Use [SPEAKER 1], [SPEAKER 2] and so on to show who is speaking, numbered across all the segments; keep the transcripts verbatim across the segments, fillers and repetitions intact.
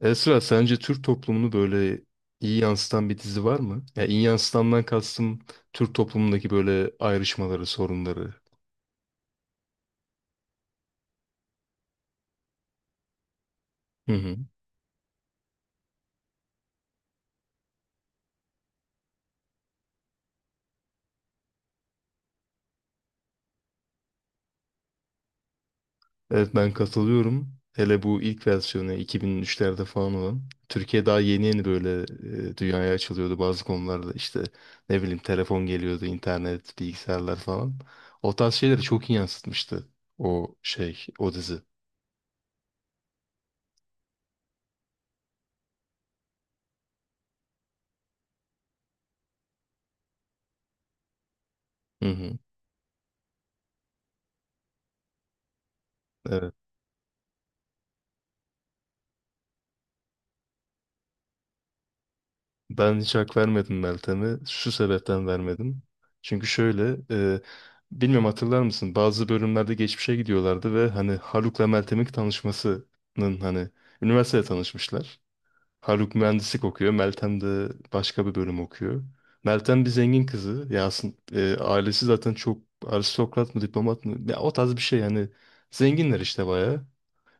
[SPEAKER 1] Esra, sence Türk toplumunu böyle iyi yansıtan bir dizi var mı? Ya iyi yansıtandan kastım Türk toplumundaki böyle ayrışmaları, sorunları. Hı hı. Evet, ben katılıyorum. Hele bu ilk versiyonu iki bin üçlerde falan olan. Türkiye daha yeni yeni böyle e, dünyaya açılıyordu bazı konularda. İşte ne bileyim telefon geliyordu, internet, bilgisayarlar falan. O tarz şeyleri çok iyi yansıtmıştı o şey, o dizi. Hı hı. Evet. Ben hiç hak vermedim Meltem'e. Şu sebepten vermedim. Çünkü şöyle, e, bilmiyorum, hatırlar mısın? Bazı bölümlerde geçmişe gidiyorlardı ve hani Haluk'la Meltem'in tanışmasının hani üniversitede tanışmışlar. Haluk mühendislik okuyor, Meltem de başka bir bölüm okuyor. Meltem bir zengin kızı. Ya aslında e, ailesi zaten çok aristokrat mı, diplomat mı? Ya o tarz bir şey yani. Zenginler işte bayağı.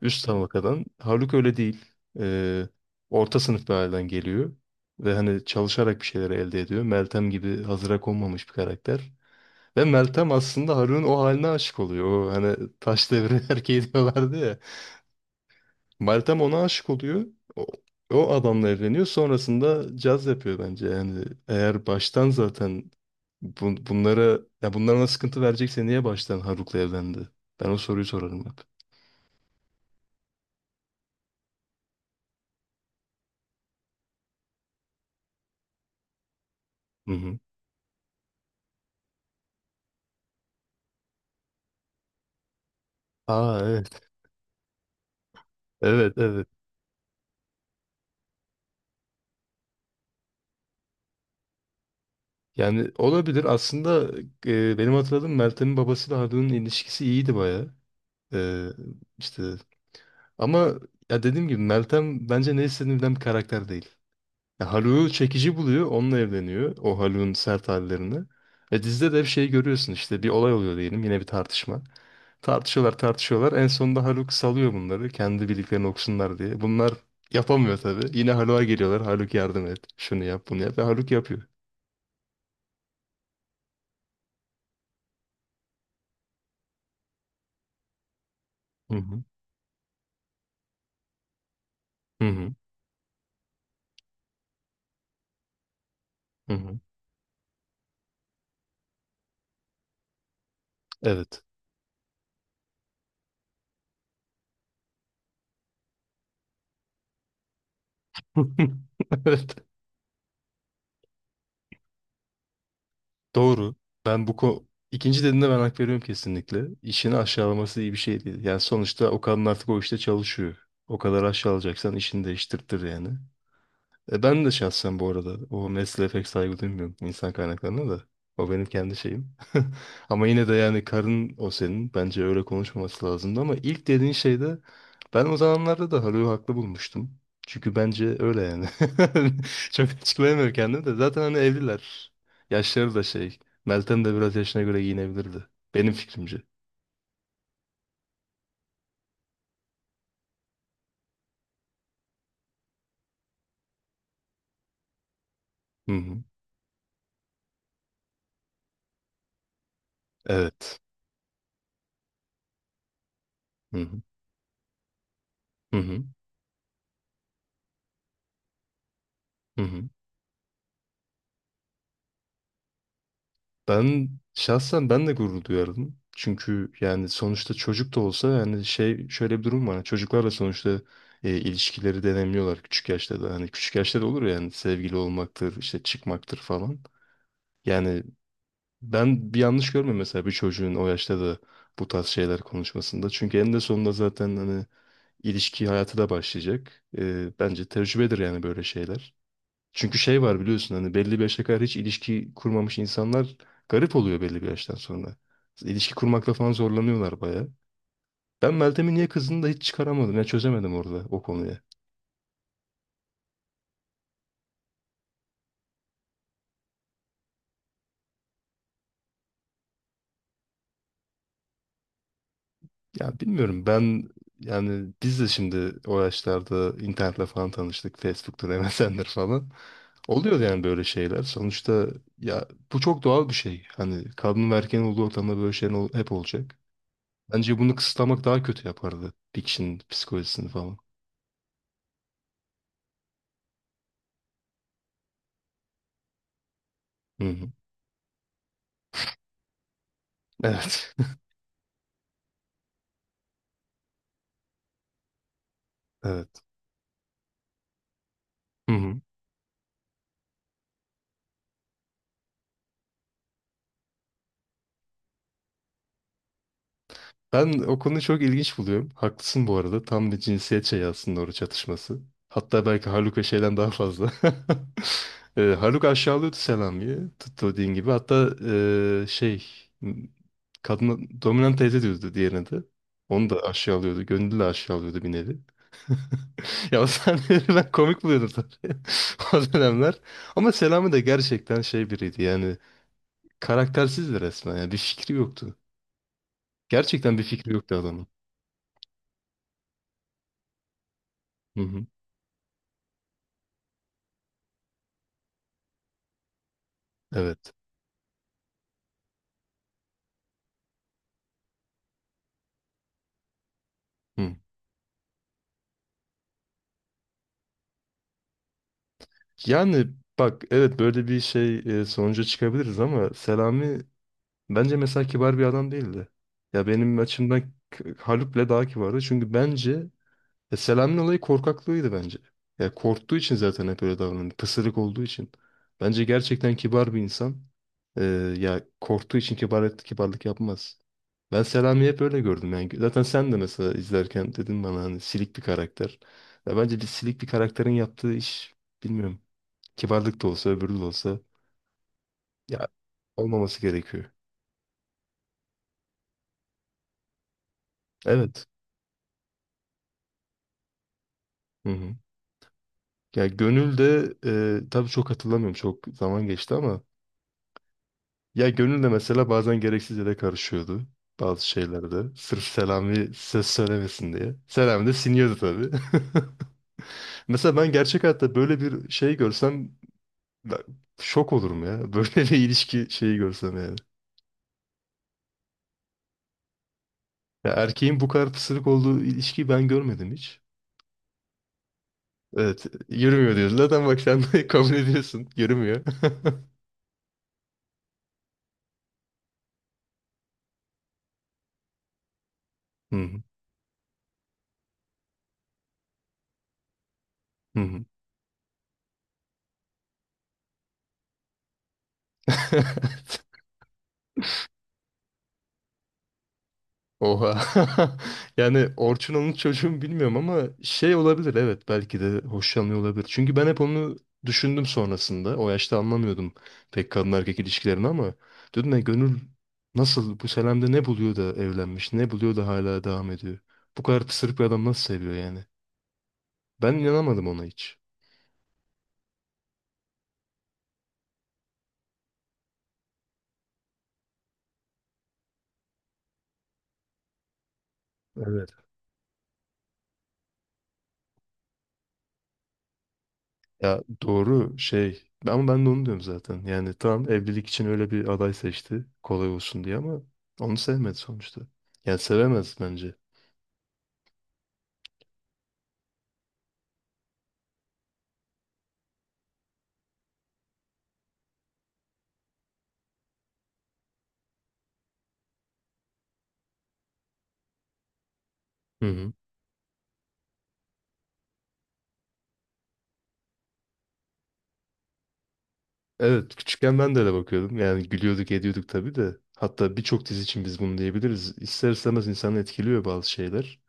[SPEAKER 1] Üst tabakadan. Haluk öyle değil. Ee, Orta sınıf bir aileden geliyor. Ve hani çalışarak bir şeyleri elde ediyor. Meltem gibi hazıra konmamış bir karakter. Ve Meltem aslında Haluk'un o haline aşık oluyor. O hani taş devri erkeği diyorlardı ya. Meltem ona aşık oluyor. O, o adamla evleniyor. Sonrasında caz yapıyor bence. Yani eğer baştan zaten bun- bunlara, ya bunlara sıkıntı verecekse niye baştan Haruk'la evlendi? Ben o soruyu sorarım hep. Hı hı. Aa, evet. Evet, evet. Yani olabilir. Aslında e, benim hatırladığım Meltem'in babasıyla Haluk'un ilişkisi iyiydi bayağı. E, işte ama ya dediğim gibi Meltem bence ne istediğini bilen bir karakter değil. Ya Haluk'u çekici buluyor, onunla evleniyor. O Haluk'un sert hallerini. Ve dizide de hep şey görüyorsun, işte bir olay oluyor diyelim, yine bir tartışma. Tartışıyorlar tartışıyorlar. En sonunda Haluk salıyor bunları kendi bildiklerini okusunlar diye. Bunlar yapamıyor tabii. Yine Haluk'a geliyorlar. Haluk yardım et. Şunu yap, bunu yap. Ve Haluk yapıyor. Hı hı. Hı hı. Hı hı. Evet. Evet. Doğru. Ben bu ko ikinci dediğinde ben hak veriyorum kesinlikle. İşini aşağılaması iyi bir şey değil. Yani sonuçta o kadın artık o işte çalışıyor. O kadar aşağılayacaksan işini değiştirtir yani. E, ben de şahsen bu arada o mesleğe pek saygı duymuyorum, insan kaynaklarına da. O benim kendi şeyim. Ama yine de yani karın o senin. Bence öyle konuşmaması lazımdı ama ilk dediğin şeyde ben o zamanlarda da Haluk'u haklı bulmuştum. Çünkü bence öyle yani. Çok açıklayamıyorum kendimi de. Zaten hani evliler. Yaşları da şey. Meltem de biraz yaşına göre giyinebilirdi. Benim fikrimce. Hı hı. Evet. Hı hı. Hı hı. Hı hı. Ben şahsen ben de gurur duyardım. Çünkü yani sonuçta çocuk da olsa yani şey şöyle bir durum var. Hani çocuklarla sonuçta e, ilişkileri denemiyorlar küçük yaşta da. Hani küçük yaşta da olur ya, yani sevgili olmaktır, işte çıkmaktır falan. Yani ben bir yanlış görmüyorum mesela bir çocuğun o yaşta da bu tarz şeyler konuşmasında. Çünkü eninde sonunda zaten hani ilişki hayatı da başlayacak. E, bence tecrübedir yani böyle şeyler. Çünkü şey var biliyorsun, hani belli bir yaşa kadar hiç ilişki kurmamış insanlar garip oluyor belli bir yaştan sonra. İlişki kurmakla falan zorlanıyorlar bayağı. Ben Meltem'in niye kızdığını da hiç çıkaramadım. Ya çözemedim orada o konuyu. Ya bilmiyorum, ben yani biz de şimdi o yaşlarda internetle falan tanıştık. Facebook'tur, M S N'dir falan. Oluyor yani böyle şeyler. Sonuçta ya bu çok doğal bir şey. Hani kadın ve erkeğin olduğu ortamda böyle şeyler ol- hep olacak. Bence bunu kısıtlamak daha kötü yapardı. Bir kişinin psikolojisini falan. Hı hı. Evet. Evet. Hı hı. Ben o konuyu çok ilginç buluyorum. Haklısın bu arada. Tam bir cinsiyet şeyi aslında oru çatışması. Hatta belki Haluka şeyden daha fazla. e, Haluk aşağılıyordu Selami'yi. Tuttu dediğin gibi. Hatta e, şey kadına dominant teyze diyordu diğerine de. Onu da aşağılıyordu. Gönüllü de aşağılıyordu bir nevi. Ya o sahneleri ben komik buluyordum tabii. O dönemler. Ama Selami de gerçekten şey biriydi yani karaktersizdi resmen. Yani bir fikri yoktu. Gerçekten bir fikri yoktu adamın. Hı hı. Evet. Hı. Yani bak evet böyle bir şey e, sonuca çıkabiliriz ama Selami bence mesela kibar bir adam değildi. Ya benim açımdan K- Haluk'le daha kibardı. Çünkü bence ya Selami'nin olayı korkaklığıydı bence. Ya korktuğu için zaten hep öyle davrandı. Pısırık olduğu için. Bence gerçekten kibar bir insan. Ee, ya korktuğu için kibar, kibarlık yapmaz. Ben Selami'yi hep öyle gördüm. Yani zaten sen de mesela izlerken dedin bana hani silik bir karakter. Ya bence bir silik bir karakterin yaptığı iş bilmiyorum. Kibarlık da olsa öbürü de olsa ya olmaması gerekiyor. Evet. Hı hı. Ya gönül de e, tabii çok hatırlamıyorum. Çok zaman geçti ama ya gönül de mesela bazen gereksiz yere karışıyordu bazı şeylerde. Sırf Selami ses söylemesin diye. Selami de siniyordu tabii. Mesela ben gerçek hayatta böyle bir şey görsem ben şok olurum ya. Böyle bir ilişki şeyi görsem yani. Ya erkeğin bu kadar pısırık olduğu ilişkiyi ben görmedim hiç. Evet, yürümüyor diyorsun. Zaten bak sen de kabul ediyorsun. Yürümüyor. Hı hı. Hı hı. Oha. Yani Orçun onun çocuğu mu bilmiyorum ama şey olabilir, evet, belki de hoşlanıyor olabilir. Çünkü ben hep onu düşündüm sonrasında. O yaşta anlamıyordum pek kadın erkek ilişkilerini ama dedim ya gönül nasıl bu Selam'da ne buluyor da evlenmiş, ne buluyor da hala devam ediyor. Bu kadar pısırık bir adam nasıl seviyor yani? Ben inanamadım ona hiç. Evet. Ya doğru şey ama ben de onu diyorum zaten. Yani tamam evlilik için öyle bir aday seçti kolay olsun diye ama onu sevmedi sonuçta. Yani sevemez bence. Hı hı. Evet, küçükken ben de öyle bakıyordum. Yani gülüyorduk ediyorduk tabii de. Hatta birçok dizi için biz bunu diyebiliriz. İster istemez insanı etkiliyor bazı şeyler.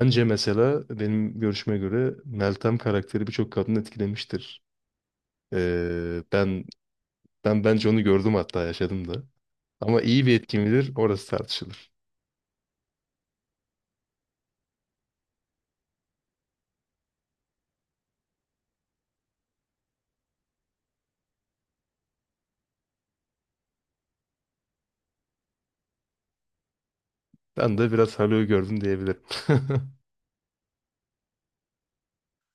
[SPEAKER 1] Bence mesela benim görüşüme göre Meltem karakteri birçok kadını etkilemiştir. Ee, ben ben bence onu gördüm hatta yaşadım da. Ama iyi bir etki midir orası tartışılır. Ben de biraz Halo'yu gördüm diyebilirim.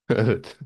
[SPEAKER 1] Evet.